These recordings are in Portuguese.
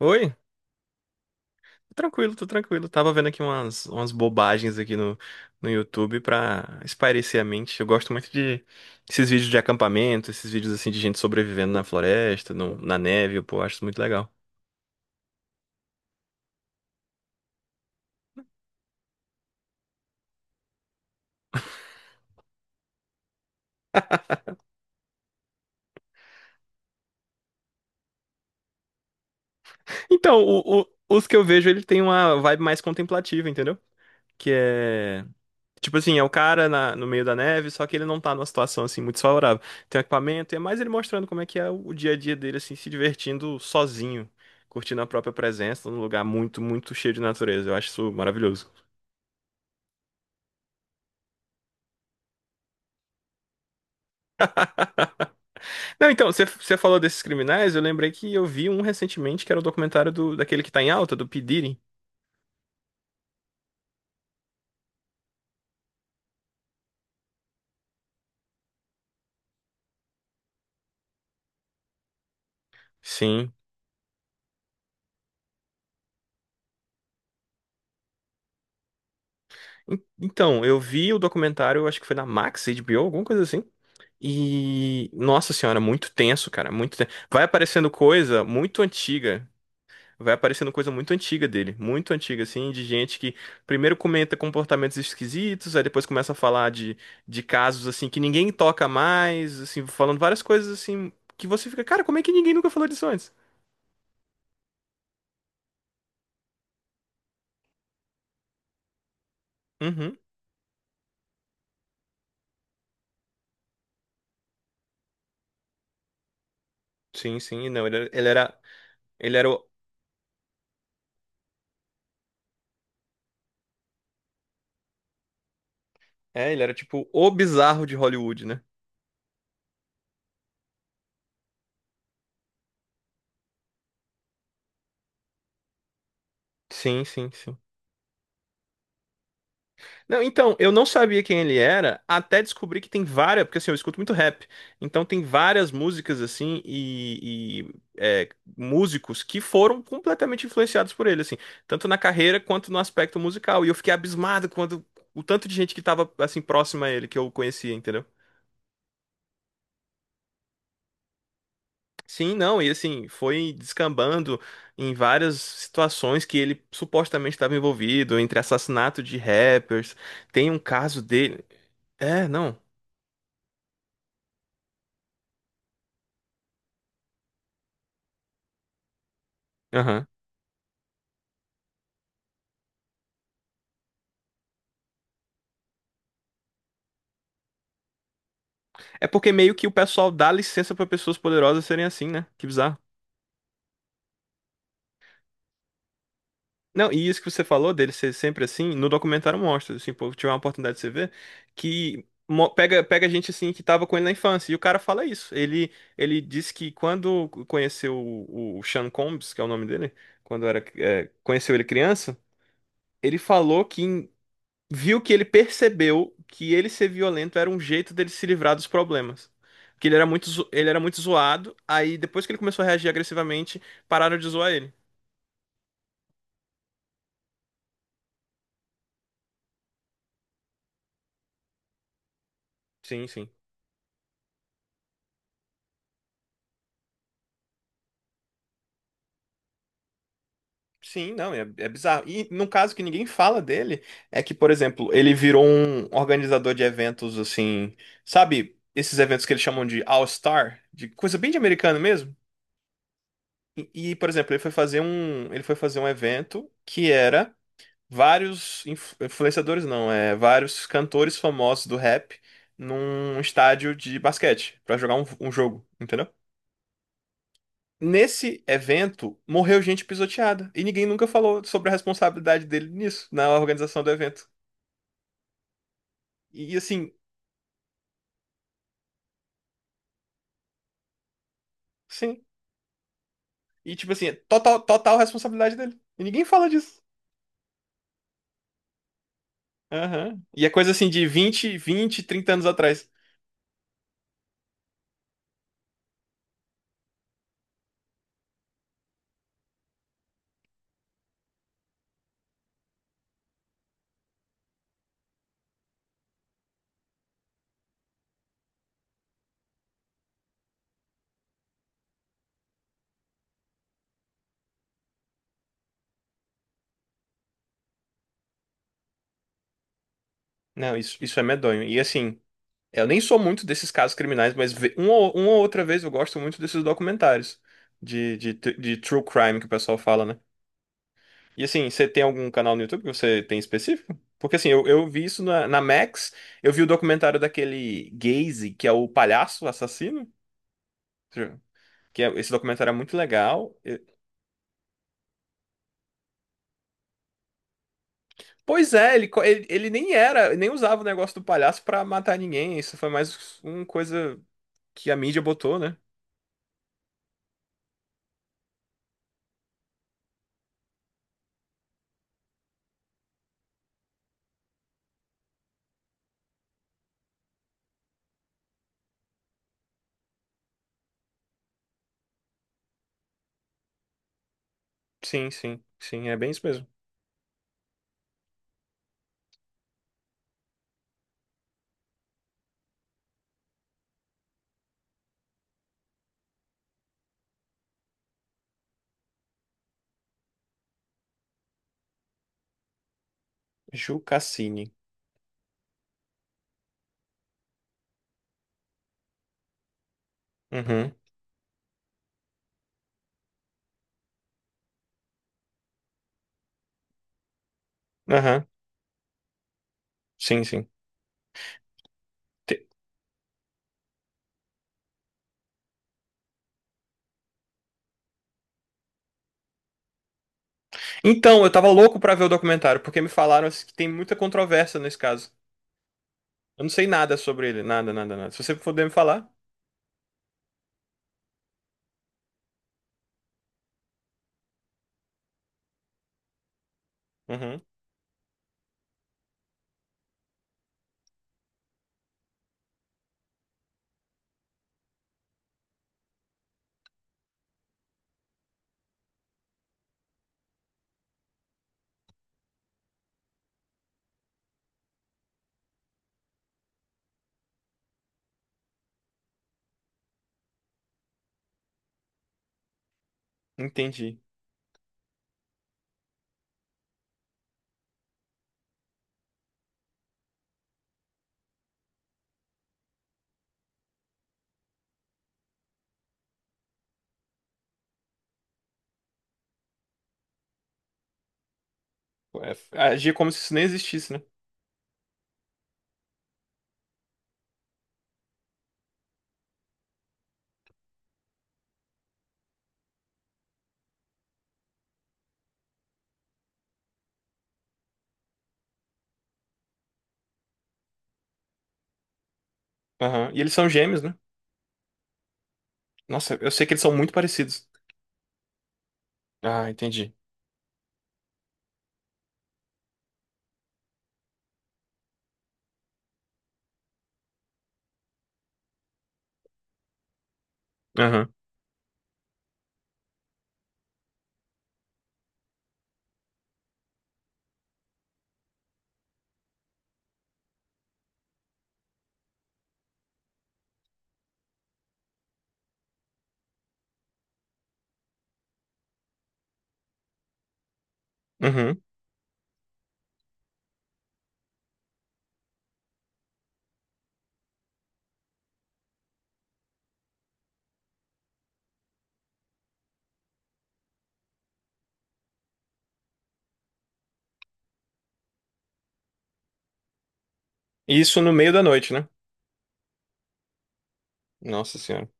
Oi? Tô tranquilo, tô tranquilo. Tava vendo aqui umas bobagens aqui no YouTube pra espairecer a mente. Eu gosto muito de esses vídeos de acampamento, esses vídeos assim de gente sobrevivendo na floresta, na neve, pô, eu acho isso muito legal. Então, os que eu vejo, ele tem uma vibe mais contemplativa, entendeu? Que é tipo assim, é o cara no meio da neve, só que ele não tá numa situação assim muito favorável. Tem um equipamento, e é mais ele mostrando como é que é o dia a dia dele, assim, se divertindo sozinho, curtindo a própria presença num lugar muito cheio de natureza. Eu acho isso maravilhoso. Não, então, você falou desses criminais, eu lembrei que eu vi um recentemente que era o documentário daquele que tá em alta, do P. Diddy. Sim. Então, eu vi o documentário, acho que foi na Max, HBO, alguma coisa assim. E, nossa senhora, muito tenso, cara, muito tenso. Vai aparecendo coisa muito antiga. Vai aparecendo coisa muito antiga dele, muito antiga, assim, de gente que primeiro comenta comportamentos esquisitos, aí depois começa a falar de casos, assim, que ninguém toca mais, assim, falando várias coisas, assim, que você fica, cara, como é que ninguém nunca falou disso antes? Uhum, sim, sim, não, ele era, o- ele era tipo o bizarro de Hollywood, né? Sim, sim, sim. Não, então, eu não sabia quem ele era, até descobri que tem várias, porque assim, eu escuto muito rap, então tem várias músicas assim e músicos que foram completamente influenciados por ele, assim, tanto na carreira quanto no aspecto musical. E eu fiquei abismado quando o tanto de gente que tava assim próxima a ele que eu conhecia, entendeu? Sim, não, e assim, foi descambando em várias situações que ele supostamente estava envolvido, entre assassinato de rappers, tem um caso dele. É, não. Aham. É porque meio que o pessoal dá licença pra pessoas poderosas serem assim, né? Que bizarro. Não, e isso que você falou dele ser sempre assim, no documentário mostra, assim, pô, tiver uma oportunidade de você ver, que pega gente assim que tava com ele na infância, e o cara fala isso. Ele disse que quando conheceu o Sean Combs, que é o nome dele, quando conheceu ele criança, ele falou que viu que ele percebeu que ele ser violento era um jeito dele se livrar dos problemas. Que ele era muito, ele era muito zoado, aí depois que ele começou a reagir agressivamente, pararam de zoar ele. Sim, sim. Sim, não, é, é bizarro. E num caso que ninguém fala dele, é que, por exemplo, ele virou um organizador de eventos assim, sabe? Esses eventos que eles chamam de All-Star, de coisa bem de americano mesmo. E, por exemplo, ele foi fazer um evento que era influenciadores, não, é vários cantores famosos do rap num estádio de basquete pra jogar um jogo, entendeu? Nesse evento, morreu gente pisoteada e ninguém nunca falou sobre a responsabilidade dele nisso, na organização do evento. E assim, sim. E tipo assim, é total, total responsabilidade dele. E ninguém fala disso. Aham. E é coisa assim de vinte, vinte, 30 anos atrás. Não, isso é medonho. E assim. Eu nem sou muito desses casos criminais, mas uma ou outra vez eu gosto muito desses documentários de true crime que o pessoal fala, né? E assim, você tem algum canal no YouTube que você tem específico? Porque assim, eu vi isso na Max, eu vi o documentário daquele Gacy, que é o palhaço assassino, esse documentário é muito legal. E- Pois é, ele nem era, nem usava o negócio do palhaço pra matar ninguém, isso foi mais uma coisa que a mídia botou, né? Sim, sim, sim, é bem isso mesmo. Ju Cassini. Uhum. Aham. Sim, sim. Te- Então, eu tava louco pra ver o documentário, porque me falaram assim, que tem muita controvérsia nesse caso. Eu não sei nada sobre ele, nada, nada, nada. Se você puder me falar. Uhum. Entendi. É, agia como se isso nem existisse, né? Aham. E eles são gêmeos, né? Nossa, eu sei que eles são muito parecidos. Ah, entendi. Aham. Uhum. E isso no meio da noite, né? Nossa Senhora.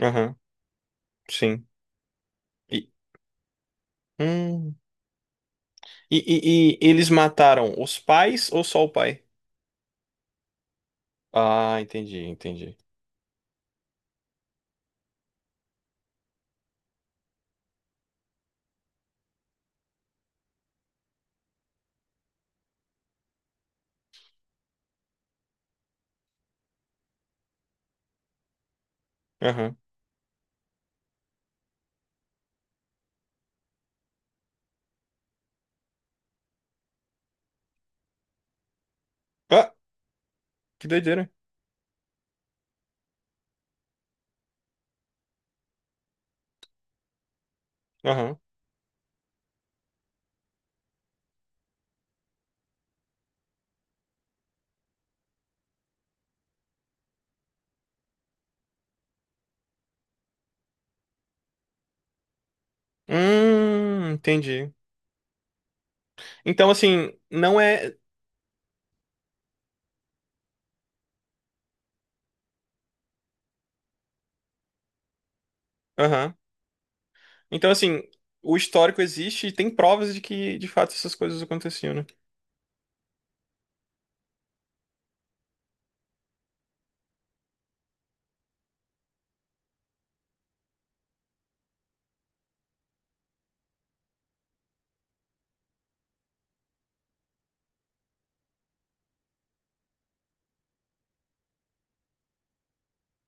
Aham. Sim. E, hum. E, e eles mataram os pais ou só o pai? Ah, entendi, entendi. Aham. Ah, que doideira. Aham. Entendi. Então, assim, não é. Aham. Então, assim, o histórico existe e tem provas de que, de fato, essas coisas aconteciam, né?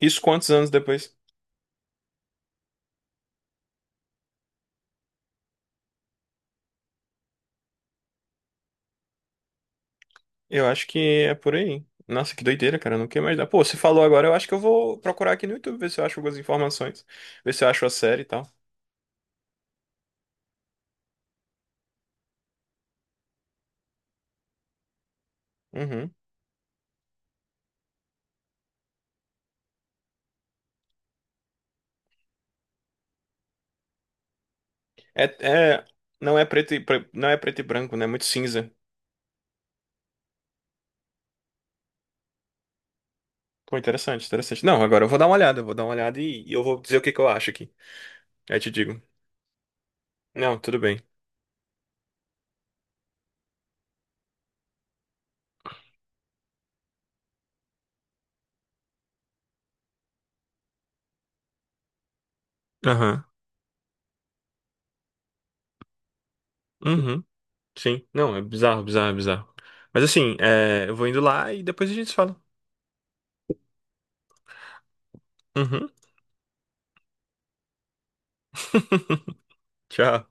Isso quantos anos depois? Eu acho que é por aí. Nossa, que doideira, cara. Eu não quero mais dar. Pô, você falou agora, eu acho que eu vou procurar aqui no YouTube, ver se eu acho algumas informações, ver se eu acho a série e tal. Uhum. É, é, não é preto e, pre- não é preto e branco, né? É muito cinza. Pô, interessante, interessante. Não, agora eu vou dar uma olhada, eu vou dar uma olhada e eu vou dizer o que que eu acho aqui. Aí te digo. Não, tudo bem. Aham. Uhum. Sim. Não, é bizarro, bizarro, bizarro. Mas assim, é, eu vou indo lá e depois a gente se fala. Uhum. Tchau.